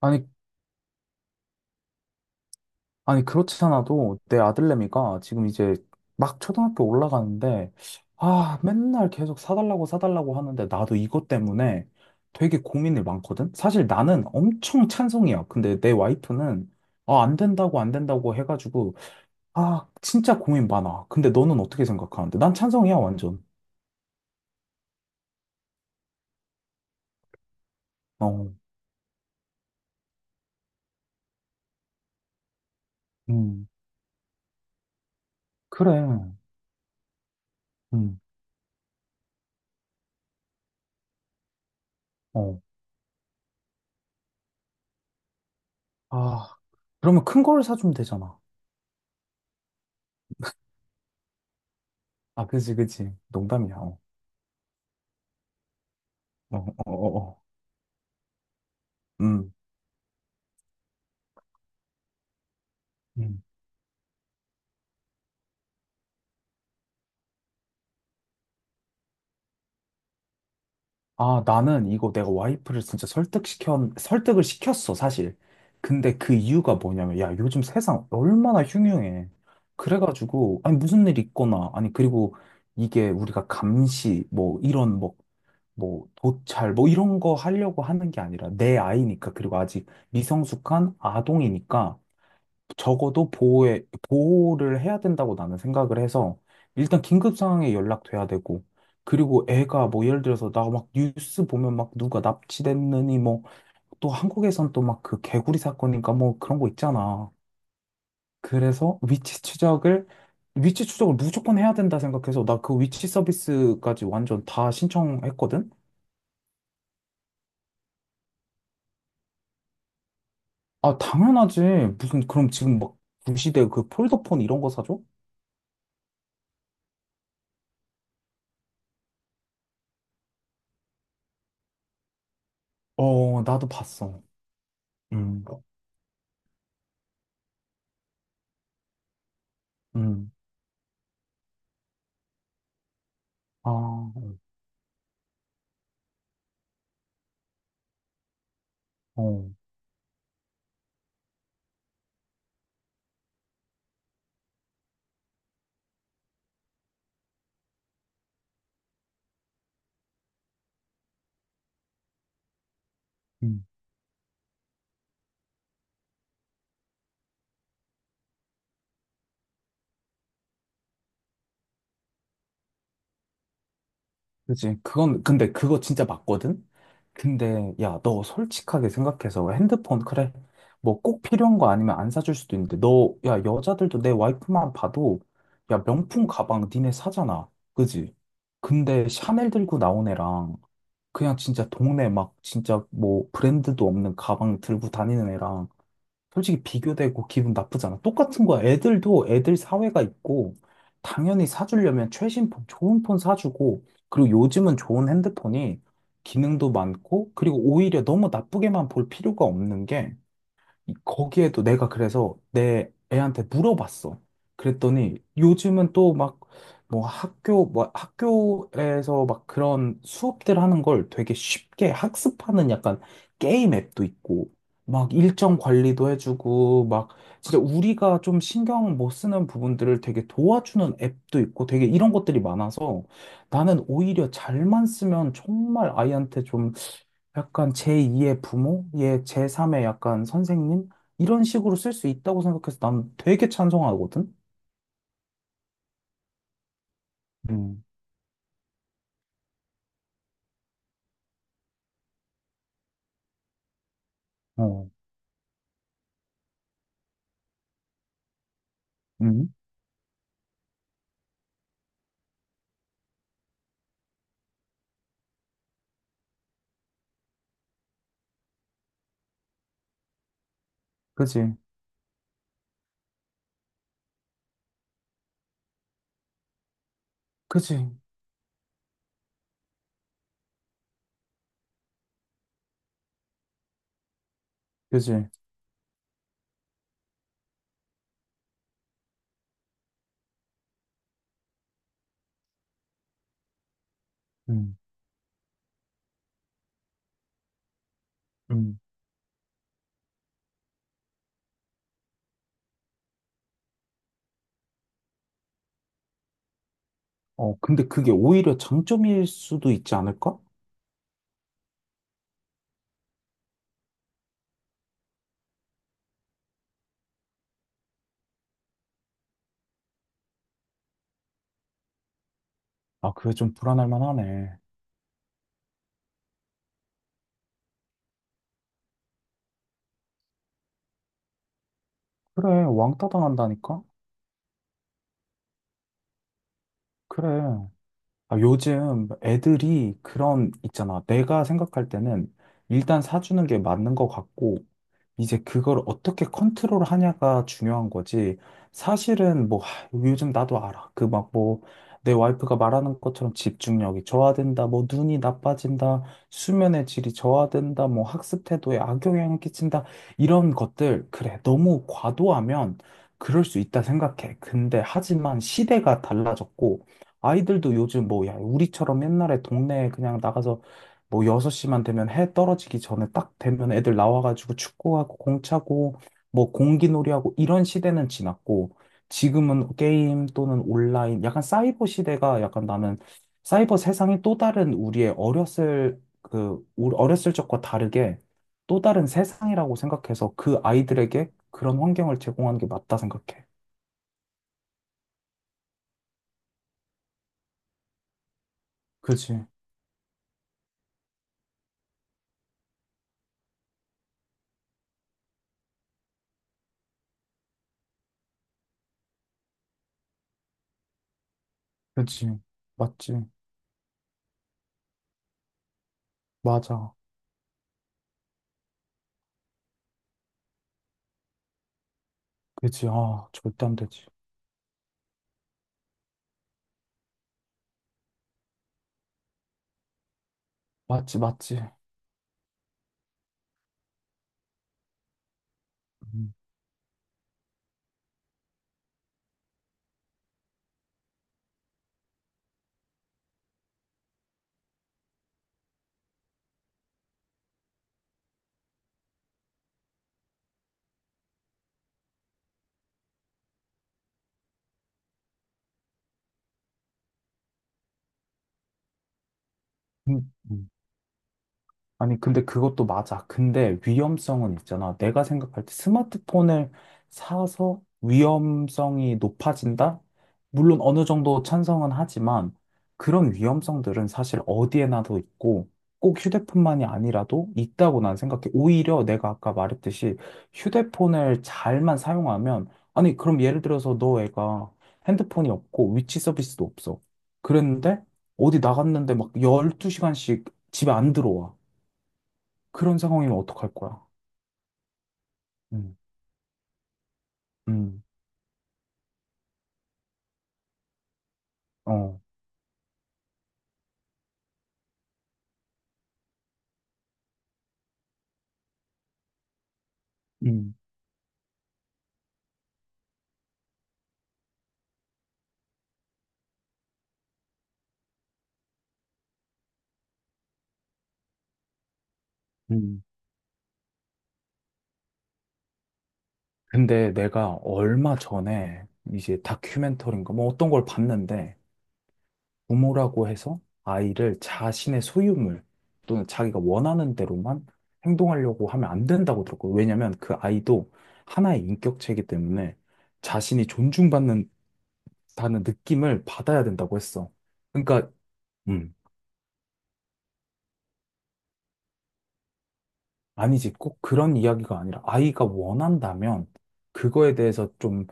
아니, 아니, 그렇지 않아도 내 아들내미가 지금 이제 막 초등학교 올라가는데, 아, 맨날 계속 사달라고 사달라고 하는데, 나도 이것 때문에 되게 고민이 많거든? 사실 나는 엄청 찬성이야. 근데 내 와이프는, 아, 안 된다고, 안 된다고 해가지고, 아, 진짜 고민 많아. 근데 너는 어떻게 생각하는데? 난 찬성이야, 완전. 어, 음, 그래. 음, 어. 아, 그러면 큰 걸 사주면 되잖아. 아, 그지, 그지. 농담이야. 어, 어, 어, 어. 어. 음. 음. 아, 나는 이거 내가 와이프를 진짜 설득을 시켰어, 사실. 근데 그 이유가 뭐냐면, 야, 요즘 세상 얼마나 흉흉해. 그래가지고, 아니, 무슨 일 있거나, 아니, 그리고 이게 우리가 감시, 뭐, 이런, 뭐, 뭐, 도찰, 뭐, 이런 거 하려고 하는 게 아니라 내 아이니까, 그리고 아직 미성숙한 아동이니까, 적어도 보호에, 보호를 해야 된다고 나는 생각을 해서 일단 긴급 상황에 연락돼야 되고 그리고 애가 뭐 예를 들어서 나 막 뉴스 보면 막 누가 납치됐느니 뭐 또 한국에선 또 막 그 개구리 사건인가 뭐 그런 거 있잖아. 그래서 위치 추적을 무조건 해야 된다 생각해서 나 그 위치 서비스까지 완전 다 신청했거든. 아, 당연하지. 무슨 그럼 지금 막 구시대 그 폴더폰 이런 거 사줘? 어, 나도 봤어. 음. 음. 아, 어, 어, 음, 그치. 그건, 근데 그거 진짜 맞거든? 근데, 야, 너 솔직하게 생각해서 핸드폰, 그래. 뭐 꼭 필요한 거 아니면 안 사줄 수도 있는데, 너, 야, 여자들도 내 와이프만 봐도, 야, 명품 가방 니네 사잖아. 그지? 근데 샤넬 들고 나온 애랑, 그냥 진짜 동네 막, 진짜 뭐 브랜드도 없는 가방 들고 다니는 애랑, 솔직히 비교되고 기분 나쁘잖아. 똑같은 거야. 애들도 애들 사회가 있고, 당연히 사주려면 최신 폰, 좋은 폰 사주고, 그리고 요즘은 좋은 핸드폰이 기능도 많고, 그리고 오히려 너무 나쁘게만 볼 필요가 없는 게, 거기에도 내가 그래서 내 애한테 물어봤어. 그랬더니 요즘은 또 막 뭐 학교 뭐 학교에서 막 그런 수업들 하는 걸 되게 쉽게 학습하는 약간 게임 앱도 있고 막 일정 관리도 해주고 막 진짜 우리가 좀 신경 못 쓰는 부분들을 되게 도와주는 앱도 있고 되게 이런 것들이 많아서 나는 오히려 잘만 쓰면 정말 아이한테 약간 제2의 부모, 예, 제3의 약간 선생님 이런 식으로 쓸 수 있다고 생각해서 난 되게 찬성하거든. 음, 어, 음, 그지, 그지, 그지, 음, 음. 어, 근데 그게 오히려 장점일 수도 있지 않을까? 아, 그게 좀 불안할 만하네. 그래, 왕따 당한다니까? 그래. 아, 요즘 애들이 그런, 있잖아. 내가 생각할 때는 일단 사주는 게 맞는 것 같고, 이제 그걸 어떻게 컨트롤 하냐가 중요한 거지. 사실은 뭐, 하, 요즘 나도 알아. 그 막 뭐, 내 와이프가 말하는 것처럼 집중력이 저하된다, 뭐, 눈이 나빠진다, 수면의 질이 저하된다, 뭐, 학습 태도에 악영향을 끼친다, 이런 것들. 그래, 너무 과도하면 그럴 수 있다 생각해. 근데 하지만 시대가 달라졌고, 아이들도 요즘 뭐, 야, 우리처럼 옛날에 동네에 그냥 나가서 뭐 6시만 되면 해 떨어지기 전에 딱 되면 애들 나와가지고 축구하고 공 차고 뭐 공기놀이하고 이런 시대는 지났고 지금은 게임 또는 온라인 약간 사이버 시대가 약간 나는 사이버 세상이 또 다른 우리의 어렸을 그 어렸을 적과 다르게 또 다른 세상이라고 생각해서 그 아이들에게 그런 환경을 제공하는 게 맞다 생각해. 그지, 그지, 맞지, 맞아. 그지, 아, 절대 안 되지. 맞지, 맞지. 음, 음, 음. 아니, 근데 그것도 맞아. 근데 위험성은 있잖아. 내가 생각할 때 스마트폰을 사서 위험성이 높아진다? 물론 어느 정도 찬성은 하지만 그런 위험성들은 사실 어디에나도 있고 꼭 휴대폰만이 아니라도 있다고 난 생각해. 오히려 내가 아까 말했듯이 휴대폰을 잘만 사용하면, 아니, 그럼 예를 들어서 너 애가 핸드폰이 없고 위치 서비스도 없어. 그랬는데 어디 나갔는데 막 12시간씩 집에 안 들어와. 그런 상황이면 어떡할 거야? 음, 음, 어. 음, 음, 근데 내가 얼마 전에 이제 다큐멘터리인가 뭐 어떤 걸 봤는데 부모라고 해서 아이를 자신의 소유물 또는 자기가 원하는 대로만 행동하려고 하면 안 된다고 들었고 왜냐면 그 아이도 하나의 인격체이기 때문에 자신이 존중받는다는 느낌을 받아야 된다고 했어. 그러니까 음, 아니지, 꼭 그런 이야기가 아니라 아이가 원한다면 그거에 대해서 좀,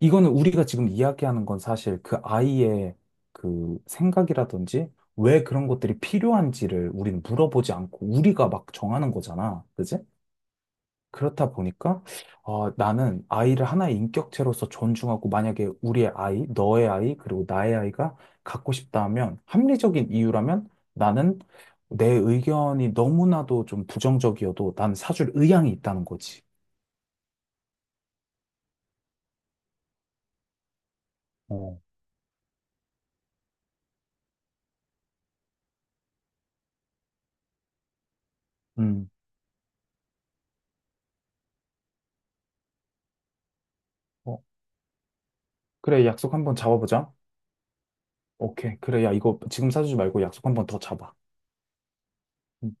이거는 우리가 지금 이야기하는 건 사실 그 아이의 그 생각이라든지 왜 그런 것들이 필요한지를 우리는 물어보지 않고 우리가 막 정하는 거잖아. 그지? 그렇다 보니까 어, 나는 아이를 하나의 인격체로서 존중하고 만약에 우리의 아이, 너의 아이, 그리고 나의 아이가 갖고 싶다 하면 합리적인 이유라면 나는 내 의견이 너무나도 좀 부정적이어도 난 사줄 의향이 있다는 거지. 어, 음. 어, 그래, 약속 한번 잡아보자. 오케이. 그래, 야, 이거 지금 사주지 말고 약속 한번 더 잡아. 음.